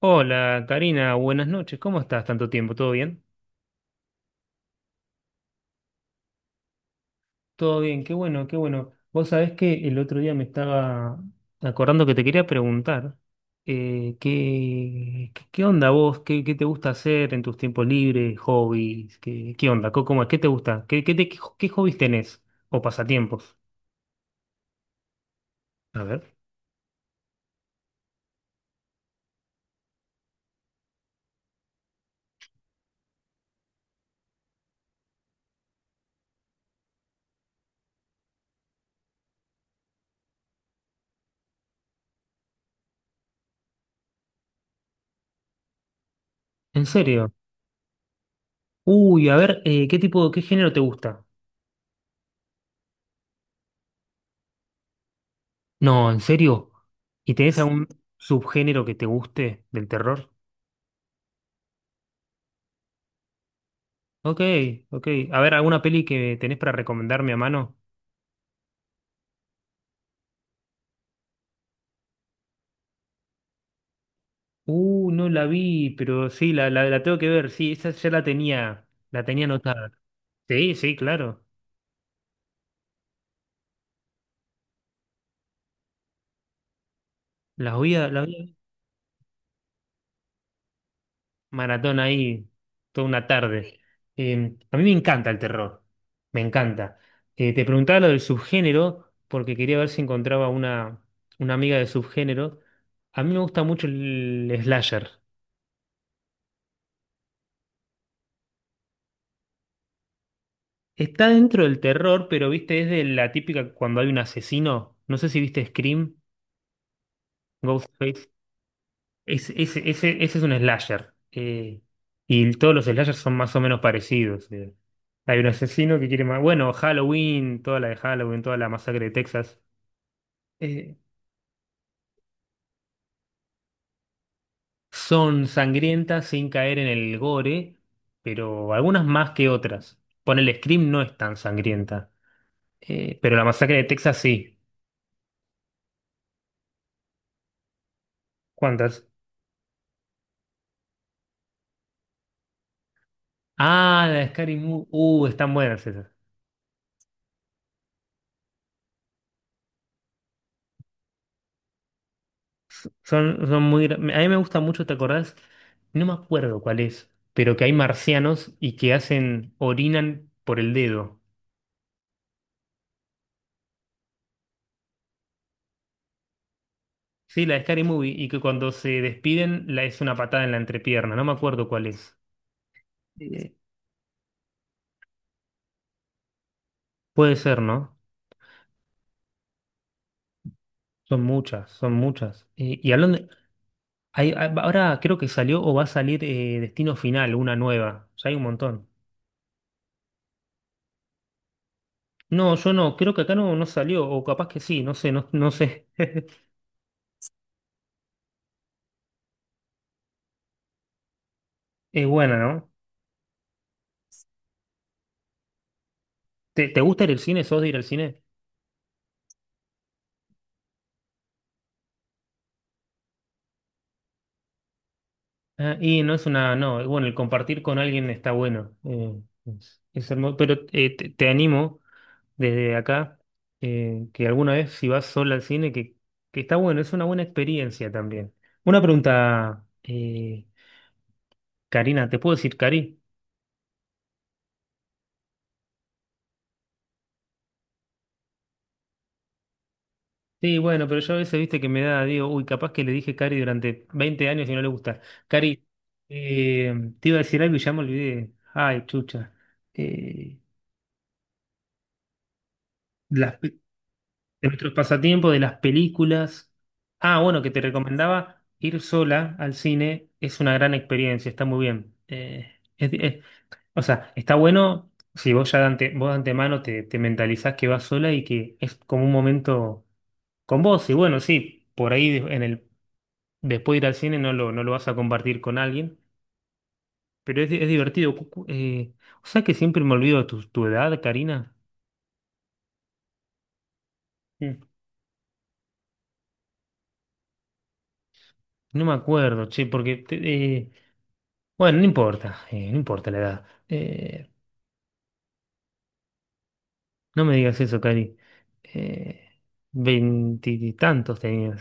Hola, Karina, buenas noches. ¿Cómo estás? ¿Tanto tiempo? ¿Todo bien? Todo bien, qué bueno, qué bueno. Vos sabés que el otro día me estaba acordando que te quería preguntar, ¿qué onda vos? ¿Qué te gusta hacer en tus tiempos libres, hobbies? ¿Qué onda? ¿Cómo es? ¿Qué te gusta? ¿Qué hobbies tenés o pasatiempos? A ver. ¿En serio? Uy, a ver, qué género te gusta? No, ¿en serio? ¿Y tenés algún subgénero que te guste del terror? Ok, ok. A ver, ¿alguna peli que tenés para recomendarme a mano? No la vi, pero sí, la tengo que ver. Sí, esa ya la tenía anotada. Sí, sí, claro. La voy a maratón ahí toda una tarde. A mí me encanta el terror, me encanta. Te preguntaba lo del subgénero porque quería ver si encontraba una amiga de subgénero. A mí me gusta mucho el slasher. Está dentro del terror, pero viste, es de la típica cuando hay un asesino. No sé si viste Scream, Ghostface. Ese es un slasher. Y todos los slashers son más o menos parecidos. Hay un asesino que quiere más. Bueno, Halloween, toda la de Halloween, toda la masacre de Texas. eh, Son sangrientas sin caer en el gore, pero algunas más que otras. Ponele Scream no es tan sangrienta. Pero la masacre de Texas sí. ¿Cuántas? Ah, la de Scary Movie. Están buenas esas. A mí me gusta mucho, ¿te acordás? No me acuerdo cuál es, pero que hay marcianos y que orinan por el dedo. Sí, la de Scary Movie, y que cuando se despiden la es una patada en la entrepierna. No me acuerdo cuál es. Eh, Puede ser, ¿no? Son muchas, son muchas. Y hablando... de- hay- hay- ahora creo que salió o va a salir, Destino Final, una nueva. Ya hay un montón. No, yo no, creo que acá no, no salió, o capaz que sí, no sé, no, no sé. Es buena, ¿no? ¿Te gusta ir al cine? ¿Sos de ir al cine? Ah, y no, bueno, el compartir con alguien está bueno. Es hermoso, pero te animo desde acá que alguna vez si vas sola al cine, que está bueno, es una buena experiencia también. Una pregunta, Karina, ¿te puedo decir Cari? Sí, bueno, pero yo a veces, viste, que me da, digo, uy, capaz que le dije Cari durante 20 años y no le gusta. Cari, te iba a decir algo y ya me olvidé. Ay, chucha. Eh, las pe- de nuestros pasatiempos, de las películas. Ah, bueno, que te recomendaba ir sola al cine es una gran experiencia, está muy bien. O sea, está bueno si vos de antemano te mentalizás que vas sola y que es como un momento con vos. Y bueno, sí, por ahí después de ir al cine no lo vas a compartir con alguien, pero es divertido. O sea que siempre me olvido de tu edad, Karina. Mm, No me acuerdo, che, porque bueno, no importa la edad. No me digas eso, Cari. Eh, Veintitantos tenías.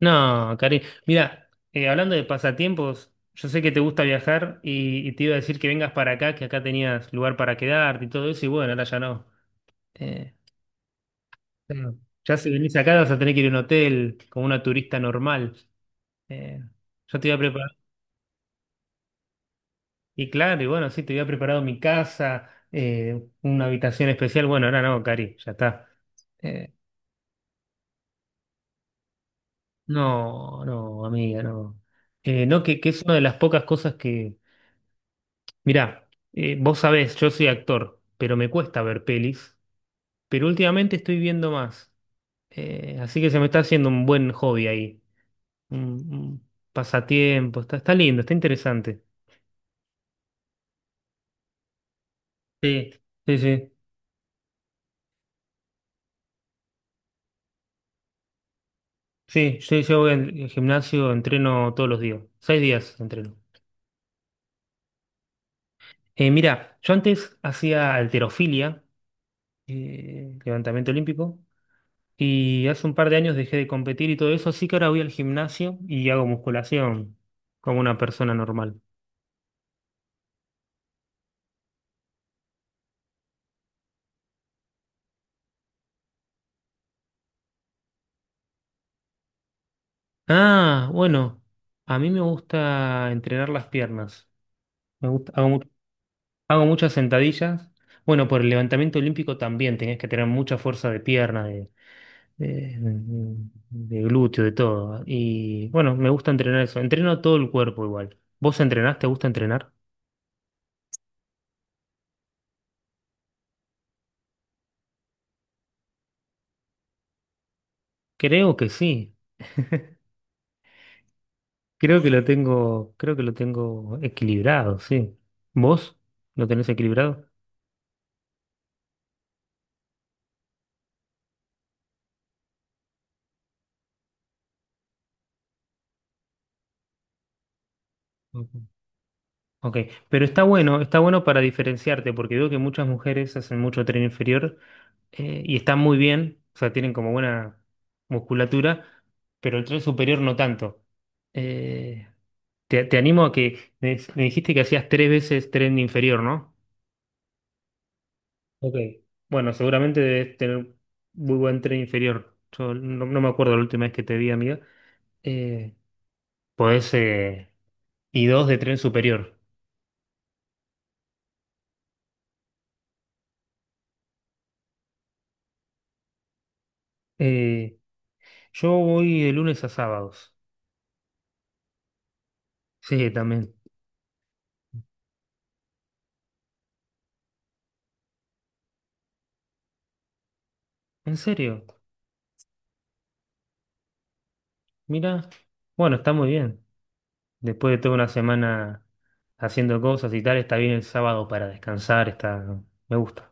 No, Cari. Mira, hablando de pasatiempos, yo sé que te gusta viajar y te iba a decir que vengas para acá, que acá tenías lugar para quedarte y todo eso, y bueno, ahora ya no. Eh, claro, ya si venís acá vas a tener que ir a un hotel como una turista normal. Eh, yo te iba a preparar. Y claro, y bueno, sí, te había preparado mi casa, una habitación especial. Bueno, ahora no, Cari, ya está. Eh, no, no, amiga, no. No, que es una de las pocas cosas que. Mirá, vos sabés, yo soy actor, pero me cuesta ver pelis. Pero últimamente estoy viendo más. Así que se me está haciendo un buen hobby ahí. Un, un pasatiempo. Está lindo, está interesante. Sí, sí, sí. Sí, yo voy al gimnasio, entreno todos los días. 6 días entreno. Mirá, yo antes hacía halterofilia, levantamiento olímpico. Y hace un par de años dejé de competir y todo eso, así que ahora voy al gimnasio y hago musculación como una persona normal. Ah, bueno, a mí me gusta entrenar las piernas. Me gusta, hago muchas sentadillas. Bueno, por el levantamiento olímpico también tenés que tener mucha fuerza de pierna, de, de glúteo, de todo. Y bueno, me gusta entrenar eso. Entreno todo el cuerpo igual. ¿Vos entrenás? ¿Te gusta entrenar? Creo que sí. Creo que lo tengo equilibrado, sí. ¿Vos lo tenés equilibrado? Ujú. Ok, pero está bueno para diferenciarte, porque veo que muchas mujeres hacen mucho tren inferior, y están muy bien, o sea, tienen como buena musculatura, pero el tren superior no tanto. Eh, Te animo a que me dijiste que hacías tres veces tren inferior, ¿no? Ok. Bueno, seguramente debes tener muy buen tren inferior. Yo no me acuerdo la última vez que te vi, amiga. Eh, podés, eh, y dos de tren superior. Eh, yo voy de lunes a sábados. Sí, también. ¿En serio? Mira, bueno, está muy bien. Después de toda una semana haciendo cosas y tal, está bien el sábado para descansar, está... Me gusta.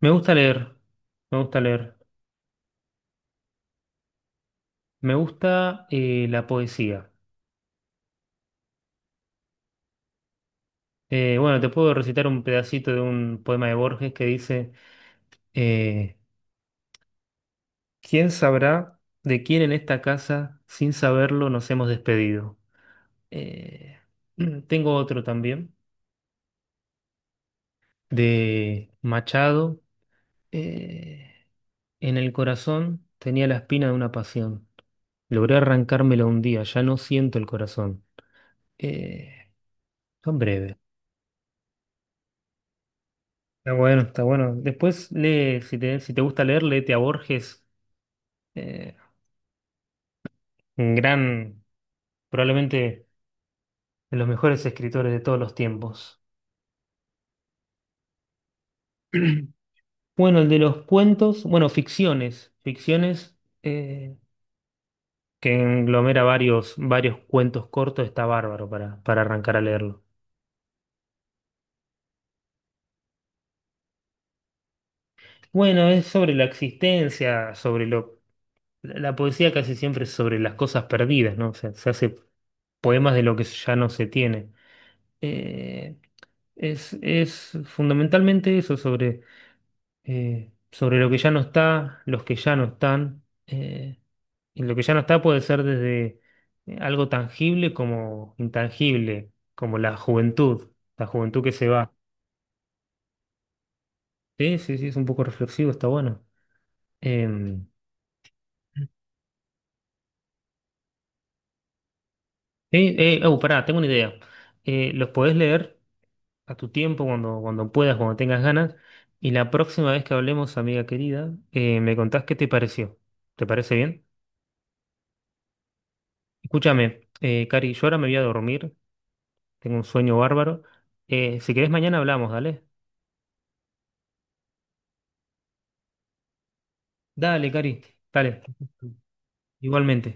Me gusta leer, me gusta leer. Me gusta la poesía. Bueno, te puedo recitar un pedacito de un poema de Borges que dice... eh, ¿Quién sabrá de quién en esta casa, sin saberlo, nos hemos despedido? Eh, Tengo otro también, de Machado. Eh, en el corazón tenía la espina de una pasión. Logré arrancármela un día, ya no siento el corazón. Eh, Son breves. Está bueno, está bueno. Después lee, si te gusta leer, léete a Borges, eh, un gran, probablemente de los mejores escritores de todos los tiempos. Bueno, el de los cuentos, bueno, ficciones eh, que englomera varios cuentos cortos, está bárbaro para arrancar a leerlo. Bueno, es sobre la existencia, sobre lo... La poesía casi siempre es sobre las cosas perdidas, ¿no? O sea, se hace poemas de lo que ya no se tiene. Eh, es fundamentalmente eso, sobre lo que ya no está, los que ya no están. eh, Y lo que ya no está puede ser desde algo tangible como intangible, como la juventud que se va. Sí, sí, sí, es un poco reflexivo, está bueno. Em, sí, oh, pará, tengo una idea. Los podés leer a tu tiempo, cuando puedas, cuando tengas ganas. Y la próxima vez que hablemos, amiga querida, me contás qué te pareció. ¿Te parece bien? Escúchame, Cari, yo ahora me voy a dormir, tengo un sueño bárbaro. Si querés, mañana hablamos, dale. Dale, Cari, dale. Igualmente.